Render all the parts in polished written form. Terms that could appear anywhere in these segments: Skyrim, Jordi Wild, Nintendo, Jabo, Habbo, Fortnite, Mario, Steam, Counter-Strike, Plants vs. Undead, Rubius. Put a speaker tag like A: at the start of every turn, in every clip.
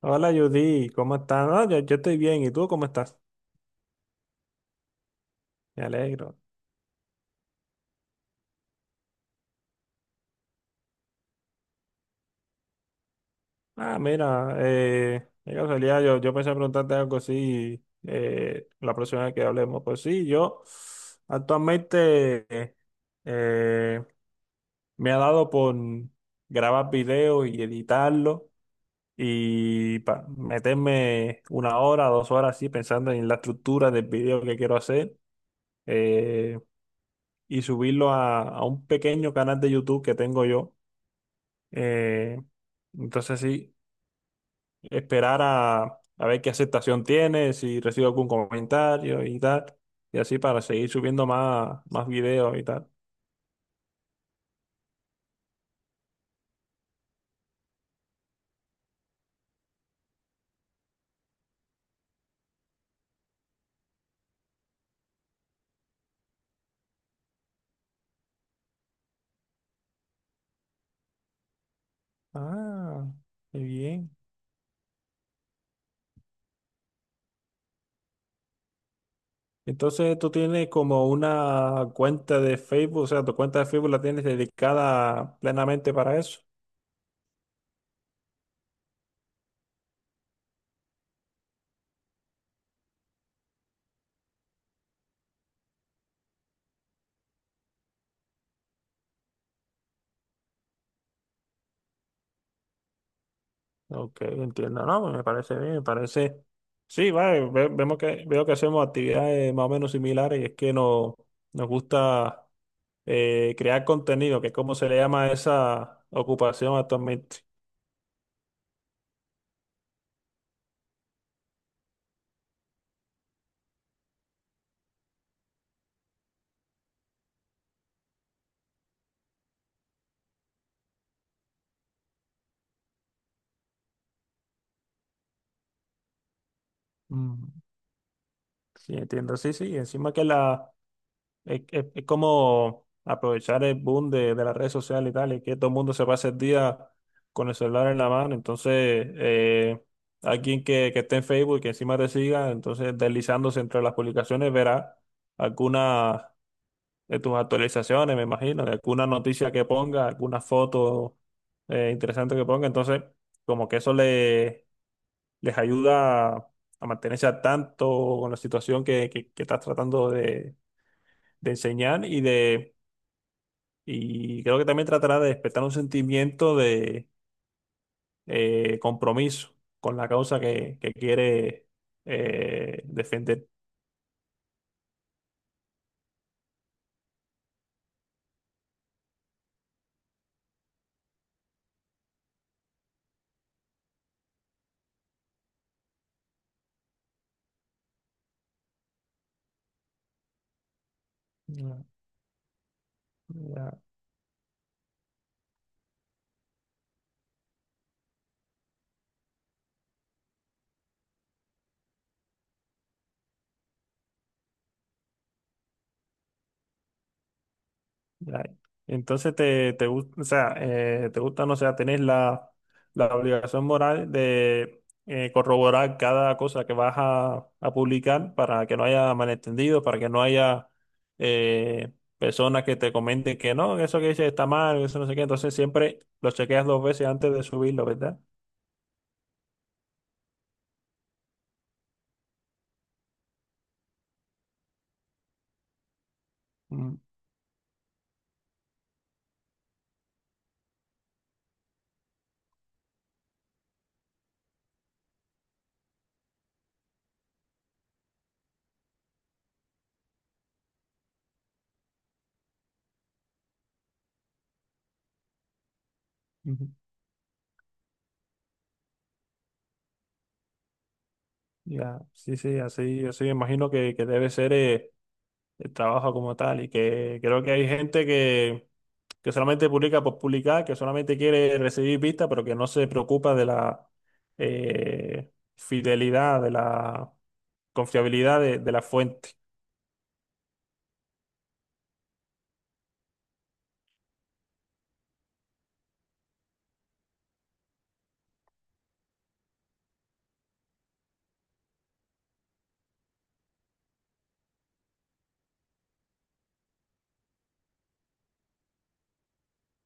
A: Hola Judy, ¿cómo estás? No, yo estoy bien, ¿y tú cómo estás? Me alegro. Ah, mira, de casualidad, yo pensé preguntarte algo así, la próxima vez que hablemos. Pues sí, yo actualmente eh, me ha dado por grabar videos y editarlo, y meterme 1 hora, 2 horas así pensando en la estructura del video que quiero hacer, eh, y subirlo a un pequeño canal de YouTube que tengo yo. Eh, entonces sí, esperar a ver qué aceptación tiene, si recibo algún comentario y tal, y así para seguir subiendo más videos y tal. Ah, qué bien. Entonces tú tienes como una cuenta de Facebook, o sea, tu cuenta de Facebook la tienes dedicada plenamente para eso. Ok, entiendo, no, pues me parece bien, me parece. Sí, vale, vemos veo que hacemos actividades más o menos similares, y es que nos gusta crear contenido, que es como se le llama a esa ocupación actualmente. Mm. Sí, entiendo, sí, sí, encima que la es como aprovechar el boom de las redes sociales y tal, y que todo el mundo se pasa el día con el celular en la mano. Entonces, alguien que esté en Facebook y que encima te siga, entonces deslizándose entre las publicaciones verá alguna de tus actualizaciones, me imagino, de alguna noticia que ponga, alguna foto interesante que ponga. Entonces, como que eso le, les ayuda a mantenerse al tanto con la situación que estás tratando de enseñar y creo que también tratará de despertar un sentimiento de compromiso con la causa que quiere defender. Ya, ya. Ya. Entonces te gusta, o sea, te gusta, no sé, tenés la obligación moral de corroborar cada cosa que vas a publicar para que no haya malentendido, para que no haya eh, personas que te comenten que no, que eso que dices está mal, eso no sé qué. Entonces siempre lo chequeas dos veces antes de subirlo, ¿verdad? Mm, ujú. Ya, sí, sí, así, así me imagino que debe ser. El trabajo como tal. Y que creo que hay gente que solamente publica por publicar, que solamente quiere recibir vistas, pero que no se preocupa de la fidelidad, de la confiabilidad de la fuente.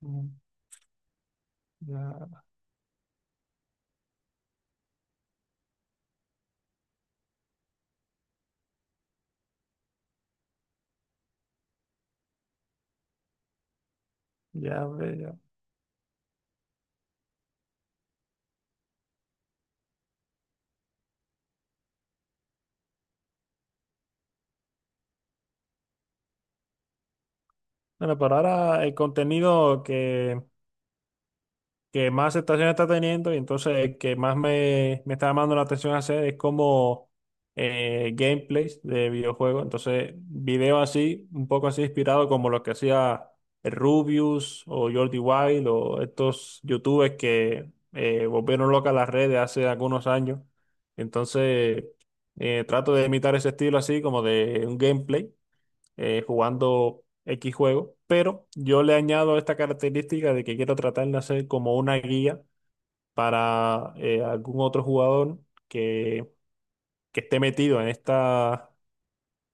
A: Mm, ya, ya veo. Bueno, pero ahora el contenido que más aceptación está teniendo, y entonces el que más me está llamando la atención hacer es como gameplays de videojuegos. Entonces, videos así, un poco así inspirado como los que hacía el Rubius o Jordi Wild o estos youtubers que volvieron locas las redes hace algunos años. Entonces, trato de imitar ese estilo así como de un gameplay jugando X juego, pero yo le añado esta característica de que quiero tratar de hacer como una guía para algún otro jugador que, que esté metido en esta,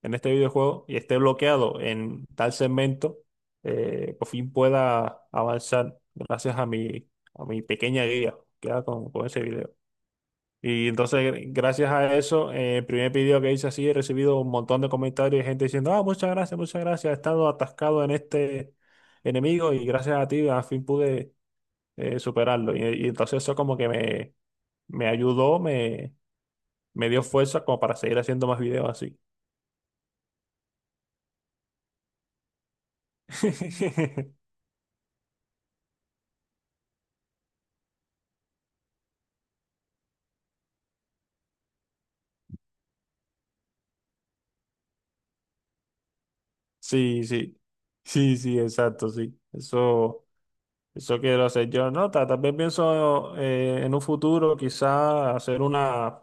A: en este videojuego y esté bloqueado en tal segmento, por fin pueda avanzar gracias a mi pequeña guía que hago con ese video. Y entonces, gracias a eso, el primer video que hice así, he recibido un montón de comentarios y gente diciendo, ah, muchas gracias, he estado atascado en este enemigo, y gracias a ti al fin pude superarlo. Y entonces eso como que me ayudó, me dio fuerza como para seguir haciendo más videos así. Sí, sí, sí, sí, exacto, sí. Eso quiero hacer yo. No, también pienso en un futuro quizá hacer una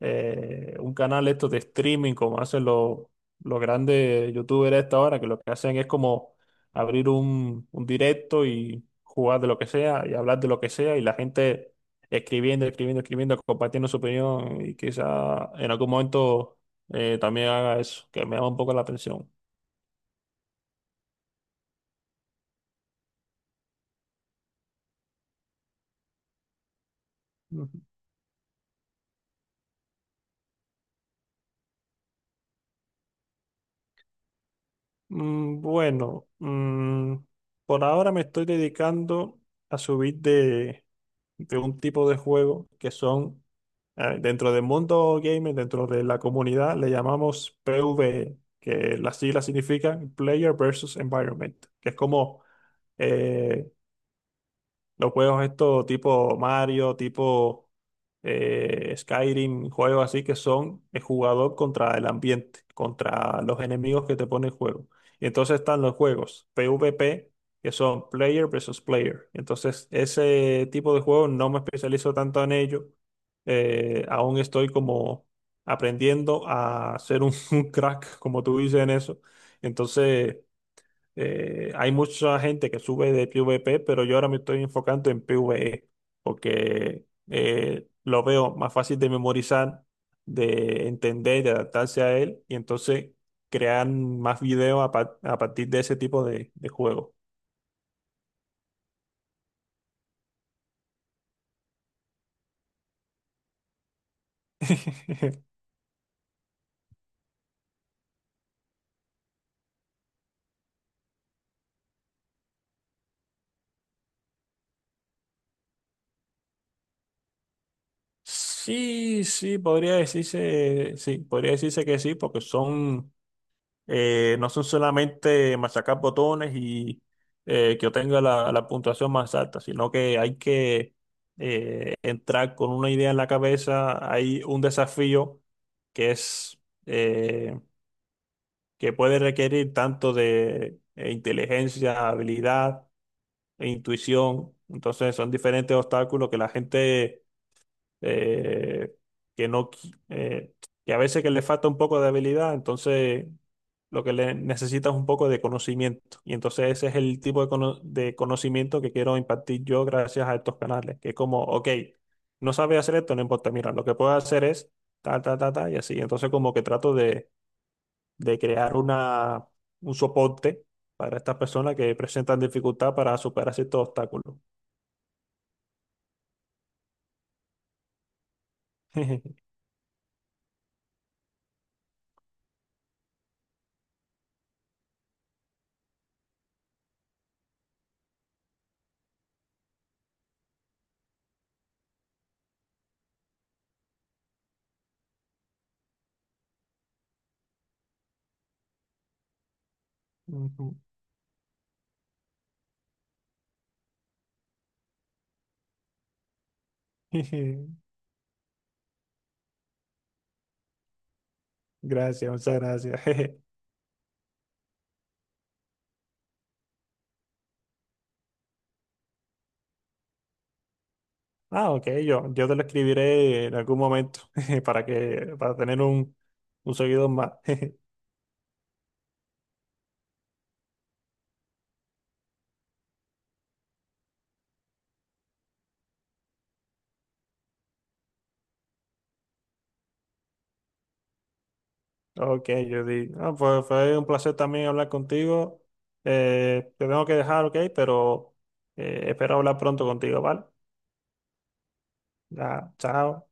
A: un canal esto de streaming como hacen los grandes youtubers a esta hora, que lo que hacen es como abrir un directo y jugar de lo que sea y hablar de lo que sea, y la gente escribiendo, escribiendo, escribiendo, compartiendo su opinión, y quizá en algún momento también haga eso, que me llama un poco la atención. Ujú. Bueno, por ahora me estoy dedicando a subir de un tipo de juego que son, dentro del mundo gamer, dentro de la comunidad, le llamamos PvE, que las siglas significan Player versus Environment, que es como eh, los juegos estos tipo Mario, tipo Skyrim, juegos así que son el jugador contra el ambiente, contra los enemigos que te pone el juego. Y entonces están los juegos PvP, que son player versus player. Entonces, ese tipo de juegos no me especializo tanto en ello. Aún estoy como aprendiendo a ser un, un crack, como tú dices en eso. Entonces. Hay mucha gente que sube de PvP, pero yo ahora me estoy enfocando en PvE, porque lo veo más fácil de memorizar, de entender, de adaptarse a él, y entonces crear más videos a partir de ese tipo de juego. Sí, sí, podría decirse que sí, porque son no son solamente machacar botones, y que obtenga la puntuación más alta, sino que hay que entrar con una idea en la cabeza. Hay un desafío que es eh, que puede requerir tanto de inteligencia, habilidad e intuición. Entonces son diferentes obstáculos que la gente eh, que no, qui- que a veces que le falta un poco de habilidad, entonces lo que le necesita es un poco de conocimiento. Y entonces ese es el tipo de conocimiento que quiero impartir yo gracias a estos canales, que es como, ok, no sabe hacer esto, no importa, mira, lo que puedo hacer es ta, ta, ta, ta, y así. Entonces como que trato de crear un soporte para estas personas que presentan dificultad para superar ciertos obstáculos. Ujú. Gracias, muchas gracias. Ah, ok, yo te lo escribiré en algún momento para que, para tener un seguidor más. Ok, ah, pues fue un placer también hablar contigo. Te tengo que dejar, ok, pero espero hablar pronto contigo, ¿vale? Ya, chao.